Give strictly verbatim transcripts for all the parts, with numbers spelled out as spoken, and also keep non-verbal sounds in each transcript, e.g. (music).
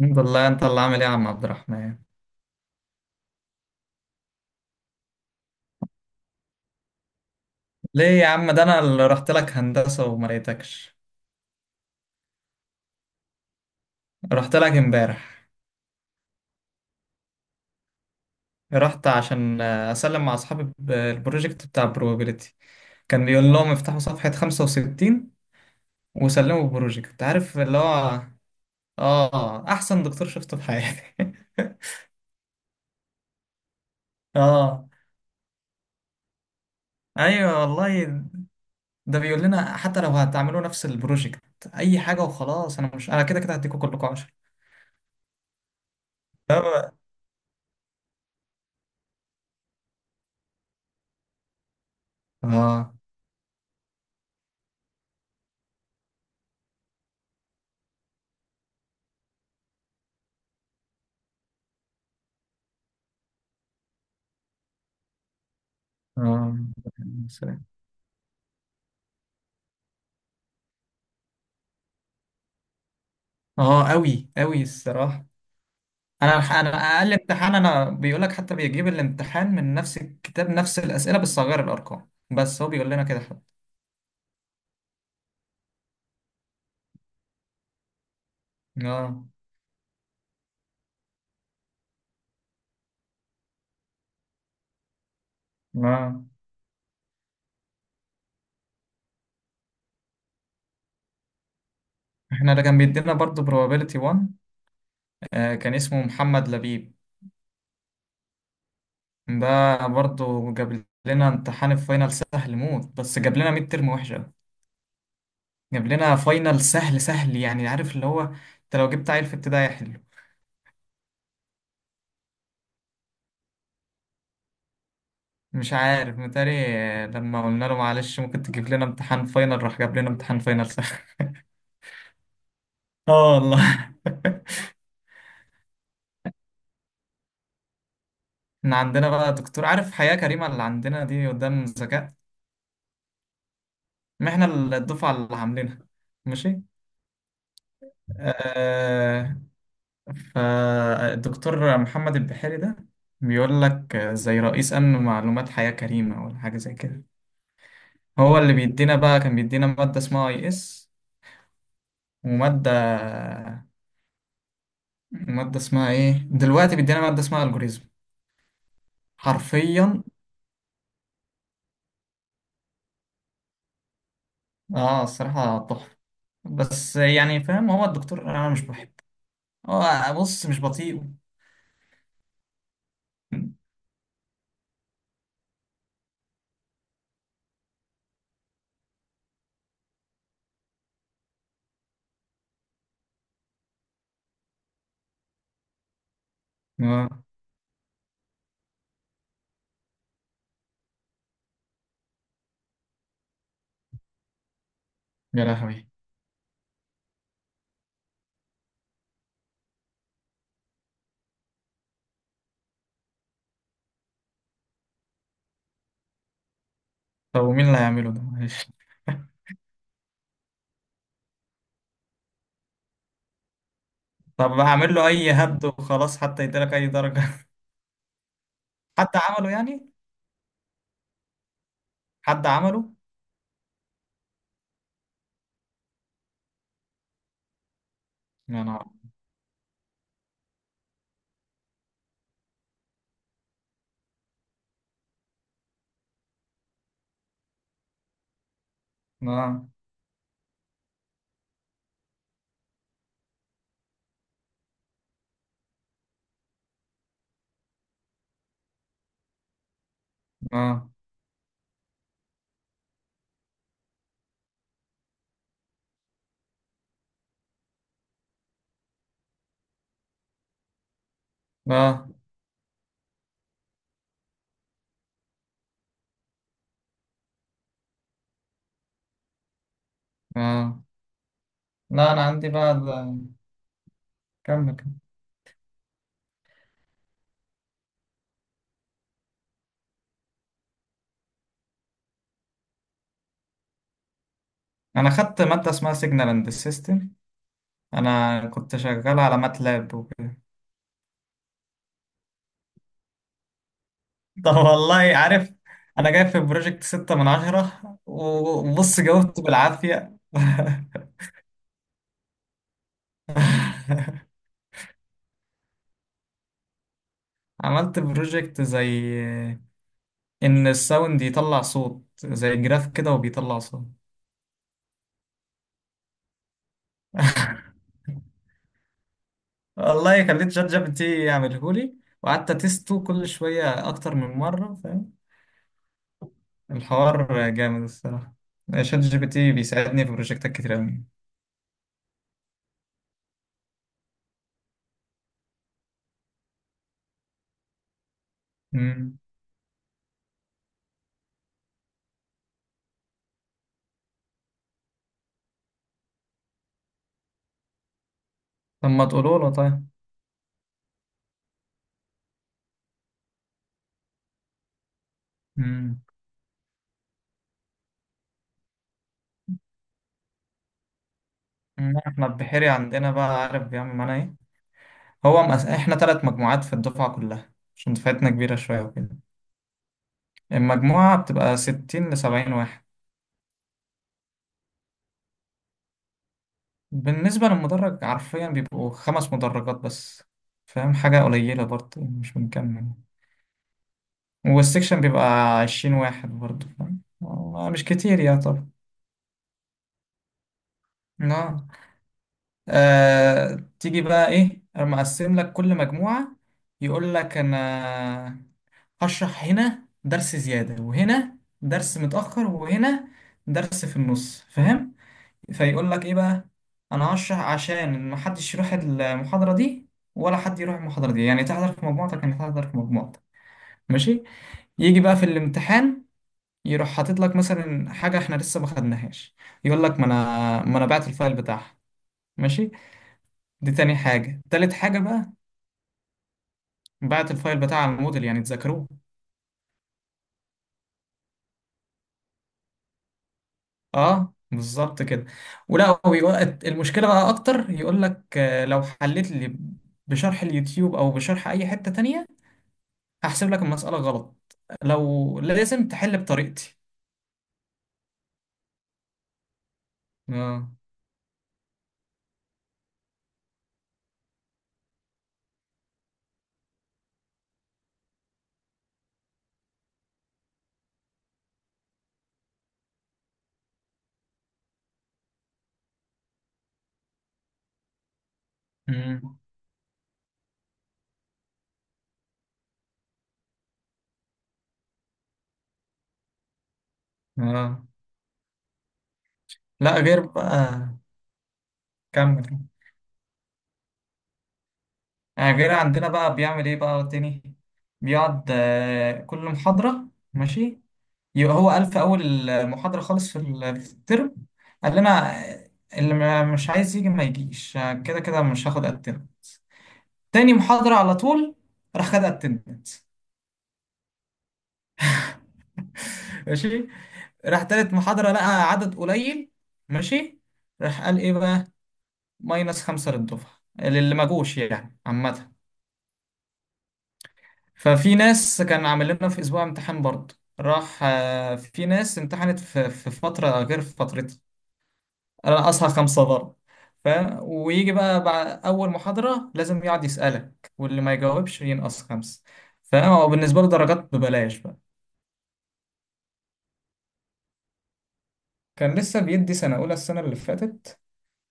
الحمد لله، انت اللي عامل ايه يا عم عبد الرحمن؟ ليه يا عم؟ ده انا اللي رحت لك هندسة وما لقيتكش. رحت لك امبارح. رحت عشان آه، اسلم مع اصحابي ب- البروجكت بتاع probability. كان بيقول لهم افتحوا صفحة خمسة وستين وسلموا البروجكت، عارف اللي هو. اه، احسن دكتور شفته في حياتي. (laughs) اه. ايوه والله، ده بيقول لنا حتى لو هتعملوا نفس البروجكت اي حاجة وخلاص، انا مش، انا كده كده هديكوا كلكم عشرة. اه. اه. اه. اه قوي قوي الصراحه. انا انا اقل امتحان، انا بيقول لك حتى بيجيب الامتحان من نفس الكتاب، نفس الاسئله، بس صغير الارقام، بس هو بيقول لنا كده حتى. اه. اه. احنا ده كان بيدينا برضو probability واحد. آه، كان اسمه محمد لبيب. ده برضو جاب لنا امتحان الفاينل سهل موت، بس جاب لنا ميد ترم وحشه. جاب لنا فاينل سهل سهل يعني، عارف اللي هو، انت لو جبت عيل في ابتدائي حلو. مش عارف، متهيألي لما قلنا له معلش ممكن تجيب لنا امتحان فاينل، راح جاب لنا امتحان فاينل سهل. (laughs) اه والله. (laughs) احنا عندنا بقى دكتور، عارف حياة كريمة اللي عندنا دي؟ قدام ذكاء. ما احنا الدفعة اللي عاملينها. ماشي. آه، فالدكتور محمد البحيري ده بيقول لك زي رئيس أمن معلومات حياة كريمة ولا حاجة زي كده. هو اللي بيدينا بقى، كان بيدينا مادة اسمها اي اس، ومادة، مادة اسمها ايه دلوقتي، بيدينا مادة اسمها algorithm. حرفيا. اه الصراحة تحفة، بس يعني فاهم، هو الدكتور انا مش بحبه. هو، بص، مش بطيء. اه. يا لهوي. طب ومين اللي هيعمله ده معلش. طب هعمل له اي هبد وخلاص، حتى يديلك اي درجة. (laughs) حد عمله يعني؟ حد عمله. يا نهار. اه. اه. اه. اه. لا انا عندي بقى ال- كمل كمل. انا خدت مادة اسمها سيجنال اند سيستم، انا كنت شغال على ماتلاب. طب، والله عارف، انا جاي في بروجكت ستة من عشرة، وبص جاوبت بالعافية. (laughs) عملت بروجكت زي ان الساوند يطلع صوت زي جراف كده، وبيطلع صوت. (laughs) والله خليت شات جي بي تي يعمله لي، وقعدت اتسته كل شوية اكتر من مرة فاهم؟ الحوار جامد الصراحة، شات جي بي تي بيساعدني في بروجكتات كتير قوي. طب ما تقولوا له؟ طيب. مم. مم، احنا البحيري عندنا بقى عارف بيعمل معانا ايه؟ هو مقس... احنا ثلاث مجموعات في الدفعة كلها، عشان دفعتنا كبيرة شوية وكده. المجموعة بتبقى ستين لسبعين واحد. بالنسبة للمدرج، حرفيا بيبقوا خمس مدرجات بس، فاهم؟ حاجة قليلة برضه، يعني مش بنكمل. والسكشن بيبقى عشرين واحد برضه، فاهم؟ والله مش كتير يا طب. اه. آه، تيجي بقى ايه، أنا مقسم لك كل مجموعة. يقول لك انا هشرح هنا درس زيادة، وهنا درس متأخر، وهنا درس في النص، فاهم؟ فيقول لك إيه بقى؟ أنا هشرح، عشان محدش يروح المحاضرة دي ولا حد يروح المحاضرة دي، يعني تحضر في مجموعتك، يعني تحضر في مجموعتك. ماشي. يجي بقى في الامتحان، يروح حاطط لك مثلا حاجة احنا لسه ما خدناهاش. يقول لك، ما انا ما انا بعت الفايل بتاعها. ماشي. دي تاني حاجة. تالت حاجة بقى، بعت الفايل بتاع الموديل يعني تذاكروه. اه بالظبط كده. ولا هو يقول- المشكله بقى اكتر، يقول لك آه، لو حليت لي بشرح اليوتيوب او بشرح اي حته تانية، هحسب لك المساله غلط، لو لازم تحل بطريقتي. اه. مم. اه. لا غير بقى، كمل. آه، غير عندنا بقى بيعمل ايه بقى تاني، بيقعد آه، كل محاضره. ماشي. يبقى هو قال في أول المحاضرة خالص، في ال- في الترم، قال لنا اللي ما- مش عايز يجي ما يجيش، كده كده مش هاخد اتندنس. تاني محاضرة على طول، راح خد اتندنس. (laughs) ماشي. راح تالت محاضرة لقى عدد قليل، ماشي، راح قال ايه بقى، ماينس خمسة للدفعة اللي ما جوش، يعني عامة. ففي ناس، كان عامل لنا في أسبوع امتحان برضه، راح آه، في ناس امتحنت في في فترة غير فترتها، انا اصحى خمسة ضرب، فاهم؟ ويجي بقى بعد اول محاضرة لازم يقعد يسألك، واللي ما يجاوبش ينقص خمسة، فاهم؟ هو بالنسبة له درجات ببلاش بقى. كان لسه بيدي سنة أولى السنة اللي فاتت،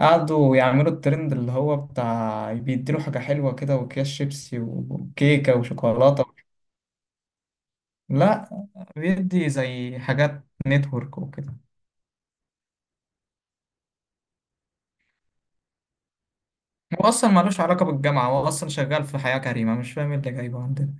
قعدوا يعملوا الترند اللي هو بتاع بيديله حاجة حلوة كده، وأكياس شيبسي وكيكة وشوكولاتة. لا، بيدي زي حاجات نتورك وكده. هو أصلا ملوش علاقة بالجامعة، هو أصلا شغال في حياة كريمة، مش فاهم إيه اللي جايبه عندنا.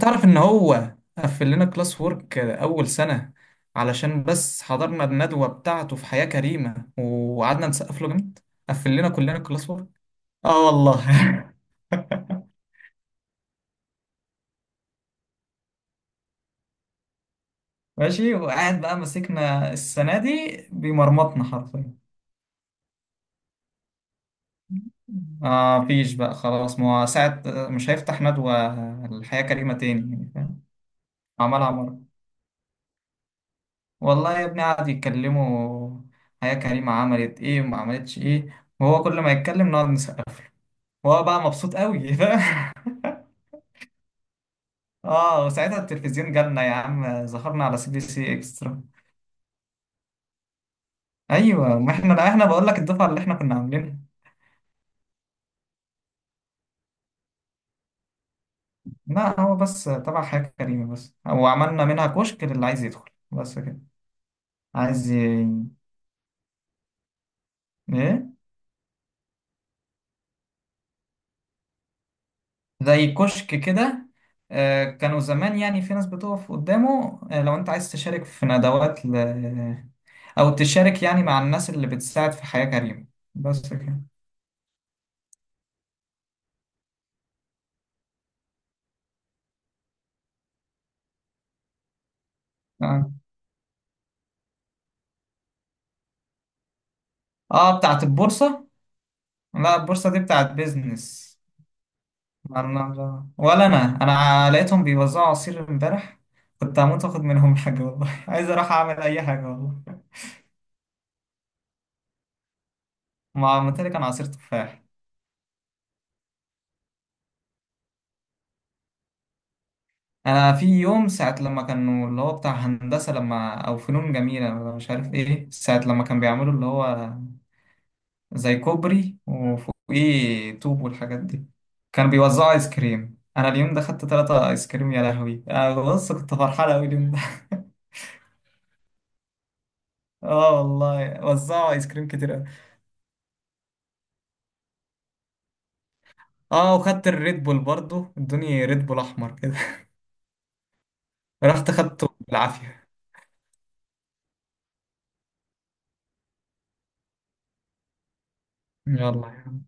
تعرف ان هو قفل لنا كلاس وورك اول سنة علشان بس حضرنا الندوة بتاعته في حياة كريمة، وقعدنا نسقف له جامد، قفل لنا كلنا كلاس وورك. اه والله. (laughs) ماشي، وقاعد بقى ماسكنا السنة دي، بيمرمطنا حرفيا. آه مفيش بقى خلاص، ما هو ساعة مش هيفتح ندوة الحياة كريمة تاني، يعني فاهم. عملها مرة، والله يا ابني قعد يتكلموا حياة كريمة عملت ايه وما عملتش ايه، وهو كل ما يتكلم نقعد، وهو بقى مبسوط قوي. (laughs) فاهم. اه، وساعتها التلفزيون جالنا يا عم، ظهرنا على سي بي سي اكسترا. ايوه، ما احنا، لا احنا بقول لك الدفعه اللي احنا كنا عاملينها. لا، هو بس تبع حياة كريمه بس، وعملنا منها كشك للي عايز يدخل، بس كده. عايز ي... ايه، زي كشك كده. آه، كانوا زمان يعني، في ناس بتقف قدامه، آه، لو انت عايز تشارك في ندوات ل... او تشارك يعني مع الناس اللي بتساعد في حياة كريمة، بس كده. اه. آه، بتاعت البورصة. لا البورصة دي بتاعت بيزنس. أنا- ولا أنا أنا لقيتهم بيوزعوا عصير امبارح، كنت هموت وآخد منهم حاجة والله. (laughs) عايز أروح أعمل أي حاجة والله. ما عملت لي كان عصير تفاح. أنا في يوم ساعة لما كانوا اللي هو بتاع هندسة لما أو فنون جميلة ولا مش عارف إيه، ساعة لما كان بيعملوا اللي هو زي كوبري وفوقيه طوب والحاجات دي، كانوا بيوزعوا آيس كريم، أنا اليوم ده خدت تلاتة آيس كريم يا لهوي، أنا بص كنت فرحان أوي اليوم ده. (laughs) اه والله وزعوا ايس كريم كتير قوي. اه وخدت الريد بول برضو، ادوني ريد بول احمر كده. (laughs) رحت خدته بالعافيه. يلا.